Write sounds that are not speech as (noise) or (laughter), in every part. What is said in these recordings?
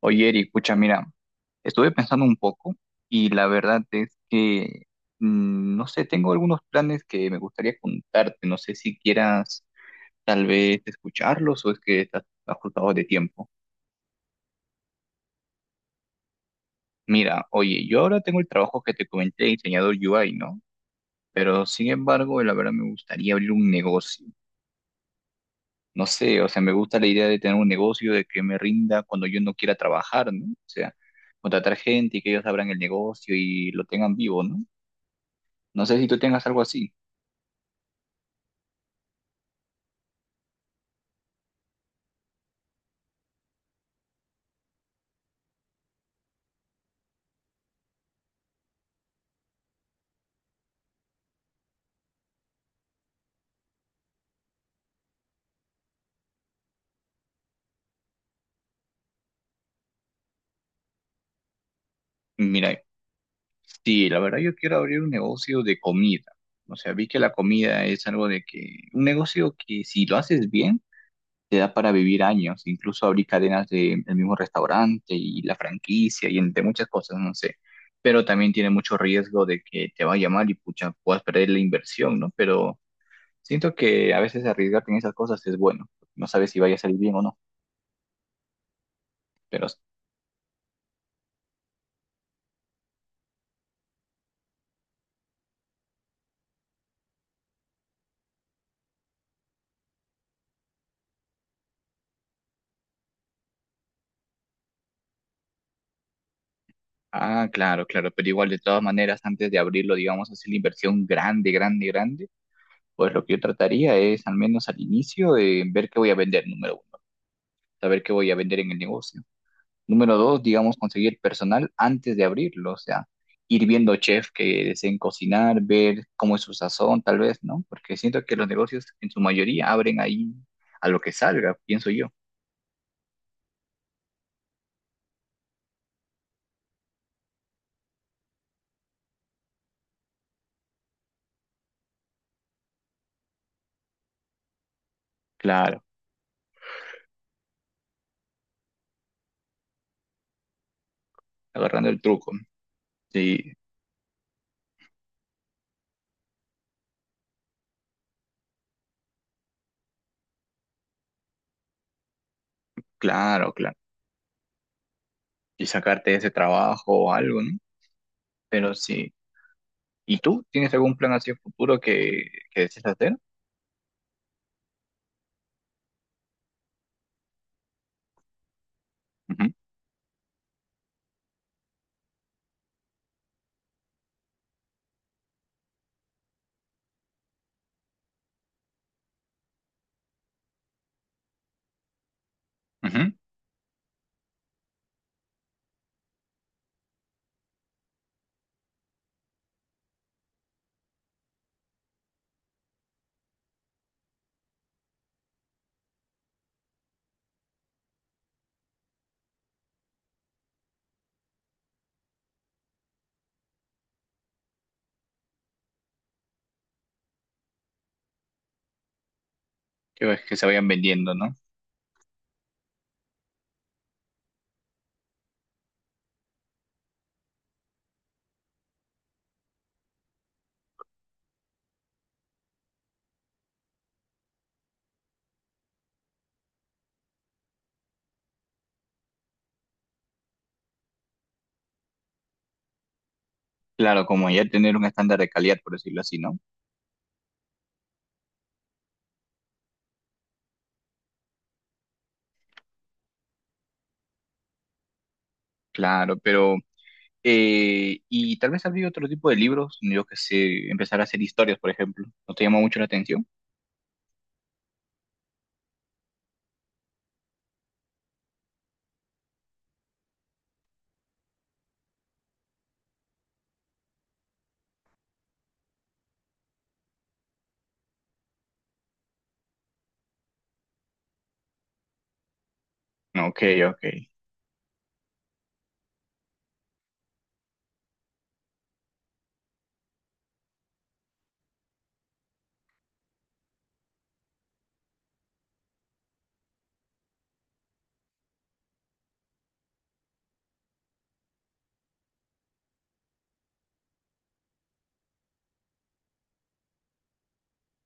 Oye, Eri, escucha, mira, estuve pensando un poco y la verdad es que, no sé, tengo algunos planes que me gustaría contarte, no sé si quieras tal vez escucharlos o es que estás ajustado de tiempo. Mira, oye, yo ahora tengo el trabajo que te comenté, de diseñador UI, ¿no? Pero sin embargo, la verdad me gustaría abrir un negocio. No sé, o sea, me gusta la idea de tener un negocio, de que me rinda cuando yo no quiera trabajar, ¿no? O sea, contratar gente y que ellos abran el negocio y lo tengan vivo, ¿no? No sé si tú tengas algo así. Mira, sí, la verdad yo quiero abrir un negocio de comida. O sea, vi que la comida es algo de que, un negocio que si lo haces bien, te da para vivir años. Incluso abrir cadenas de, del mismo restaurante y la franquicia y entre muchas cosas, no sé. Pero también tiene mucho riesgo de que te vaya mal y pucha, puedas perder la inversión, ¿no? Pero siento que a veces arriesgarte en esas cosas es bueno. No sabes si vaya a salir bien o no. Pero ah, claro, claro, pero igual de todas maneras, antes de abrirlo, digamos, hacer la inversión grande, grande, grande, pues lo que yo trataría es, al menos al inicio, ver qué voy a vender, número uno, saber qué voy a vender en el negocio. Número dos, digamos, conseguir personal antes de abrirlo, o sea, ir viendo chefs que deseen cocinar, ver cómo es su sazón, tal vez, ¿no? Porque siento que los negocios en su mayoría abren ahí a lo que salga, pienso yo. Claro, agarrando el truco. Sí, claro, claro. Y sacarte de ese trabajo o algo, ¿no? Pero sí. ¿Y tú? ¿Tienes algún plan hacia el futuro que desees hacer? Ujú, ujú. Que, ves que se vayan vendiendo, ¿no? Claro, como ya tener un estándar de calidad, por decirlo así, ¿no? Claro, pero... y tal vez habría otro tipo de libros, yo que sé, empezar a hacer historias, por ejemplo. ¿No te llama mucho la atención? Ok, ok.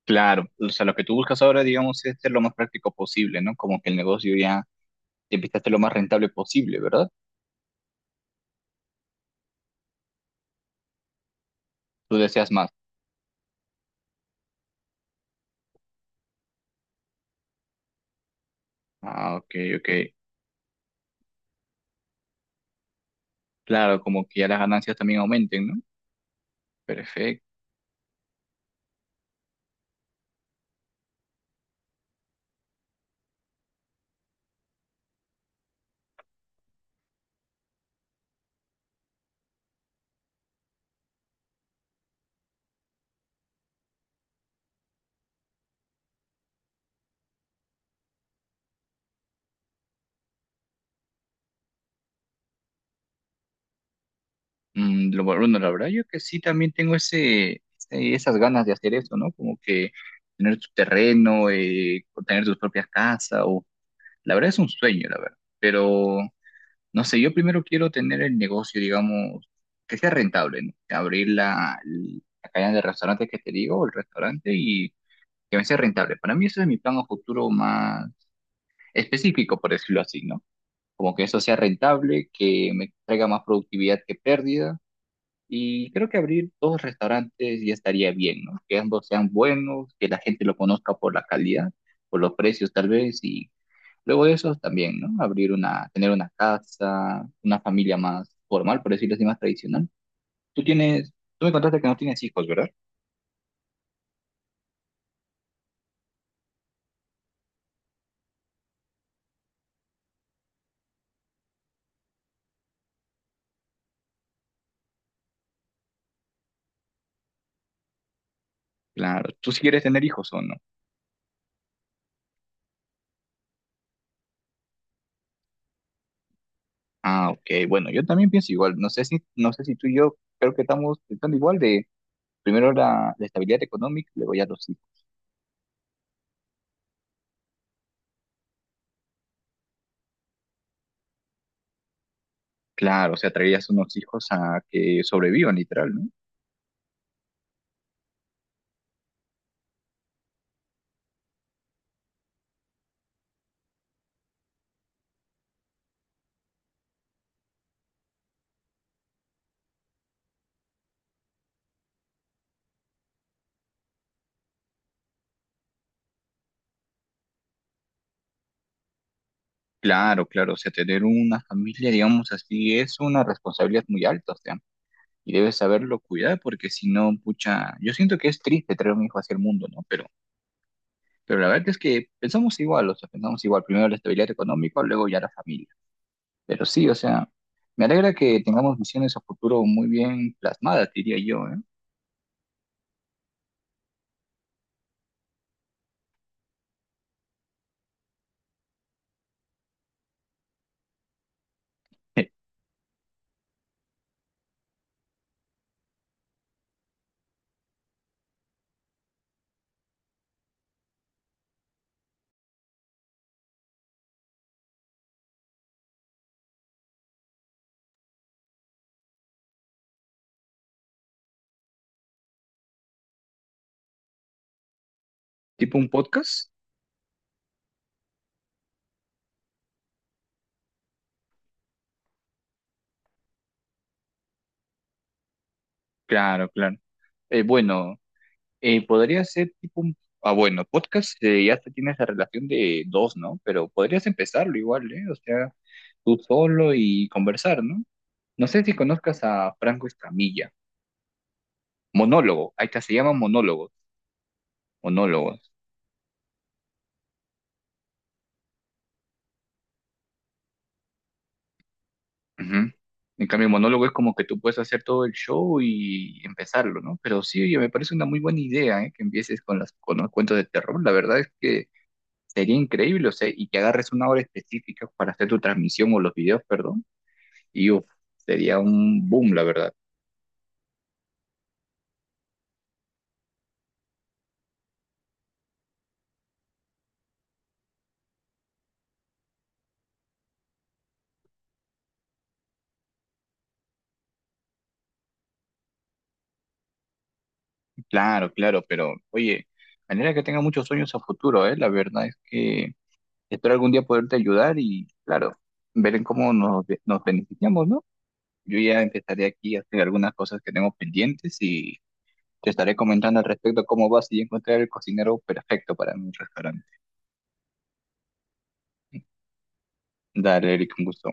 Claro, o sea, lo que tú buscas ahora, digamos, es ser lo más práctico posible, ¿no? Como que el negocio ya empieza a ser lo más rentable posible, ¿verdad? Tú deseas más. Ah, ok, ok. Claro, como que ya las ganancias también aumenten, ¿no? Perfecto. Mm, lo bueno, la verdad yo que sí también tengo ese, esas ganas de hacer eso, ¿no? Como que tener tu terreno, o tener tus propias casas, o la verdad es un sueño, la verdad. Pero no sé, yo primero quiero tener el negocio, digamos, que sea rentable, ¿no? Abrir la, la cadena de restaurantes que te digo, el restaurante, y que me sea rentable. Para mí eso es mi plan a futuro más específico, por decirlo así, ¿no? Como que eso sea rentable, que me traiga más productividad que pérdida. Y creo que abrir dos restaurantes ya estaría bien, ¿no? Que ambos sean buenos, que la gente lo conozca por la calidad, por los precios tal vez, y luego de eso también, ¿no? Abrir una, tener una casa, una familia más formal, por decirlo así, más tradicional. Tú tienes, tú me contaste que no tienes hijos, ¿verdad? Claro, tú sí quieres tener hijos o no. Ah, ok, bueno, yo también pienso igual. No sé si, no sé si tú y yo creo que estamos pensando igual de primero la, la estabilidad económica, luego ya los hijos. Claro, o sea, traerías unos hijos a que sobrevivan, literal, ¿no? Claro, claro, o sea, tener una familia, digamos así, es una responsabilidad muy alta, o sea, y debes saberlo cuidar, porque si no, pucha, yo siento que es triste traer un hijo hacia el mundo, ¿no? Pero la verdad es que pensamos igual, o sea, pensamos igual, primero la estabilidad económica, luego ya la familia. Pero sí, o sea, me alegra que tengamos visiones a futuro muy bien plasmadas, diría yo, ¿eh? (laughs) ¿Tipo un podcast? Claro, claro. Bueno. Podría ser tipo un... Ah, bueno, podcast ya te tiene esa relación de dos, ¿no? Pero podrías empezarlo igual, ¿eh? O sea, tú solo y conversar, ¿no? No sé si conozcas a Franco Escamilla. Monólogo, ahí está, se llama monólogos. Monólogos. Ujú. En cambio, monólogo es como que tú puedes hacer todo el show y empezarlo, ¿no? Pero sí, oye, me parece una muy buena idea, ¿eh? Que empieces con las, con los cuentos de terror. La verdad es que sería increíble, o sea, y que agarres una hora específica para hacer tu transmisión o los videos, perdón. Y uf, sería un boom, la verdad. Claro, claro, pero oye, manera que tenga muchos sueños a futuro, ¿eh? La verdad es que espero algún día poderte ayudar y, claro, ver en cómo nos, nos beneficiamos, ¿no? Yo ya empezaré aquí a hacer algunas cosas que tengo pendientes y te estaré comentando al respecto cómo vas y encontrar el cocinero perfecto para mi restaurante. Dale, Eric, un gusto.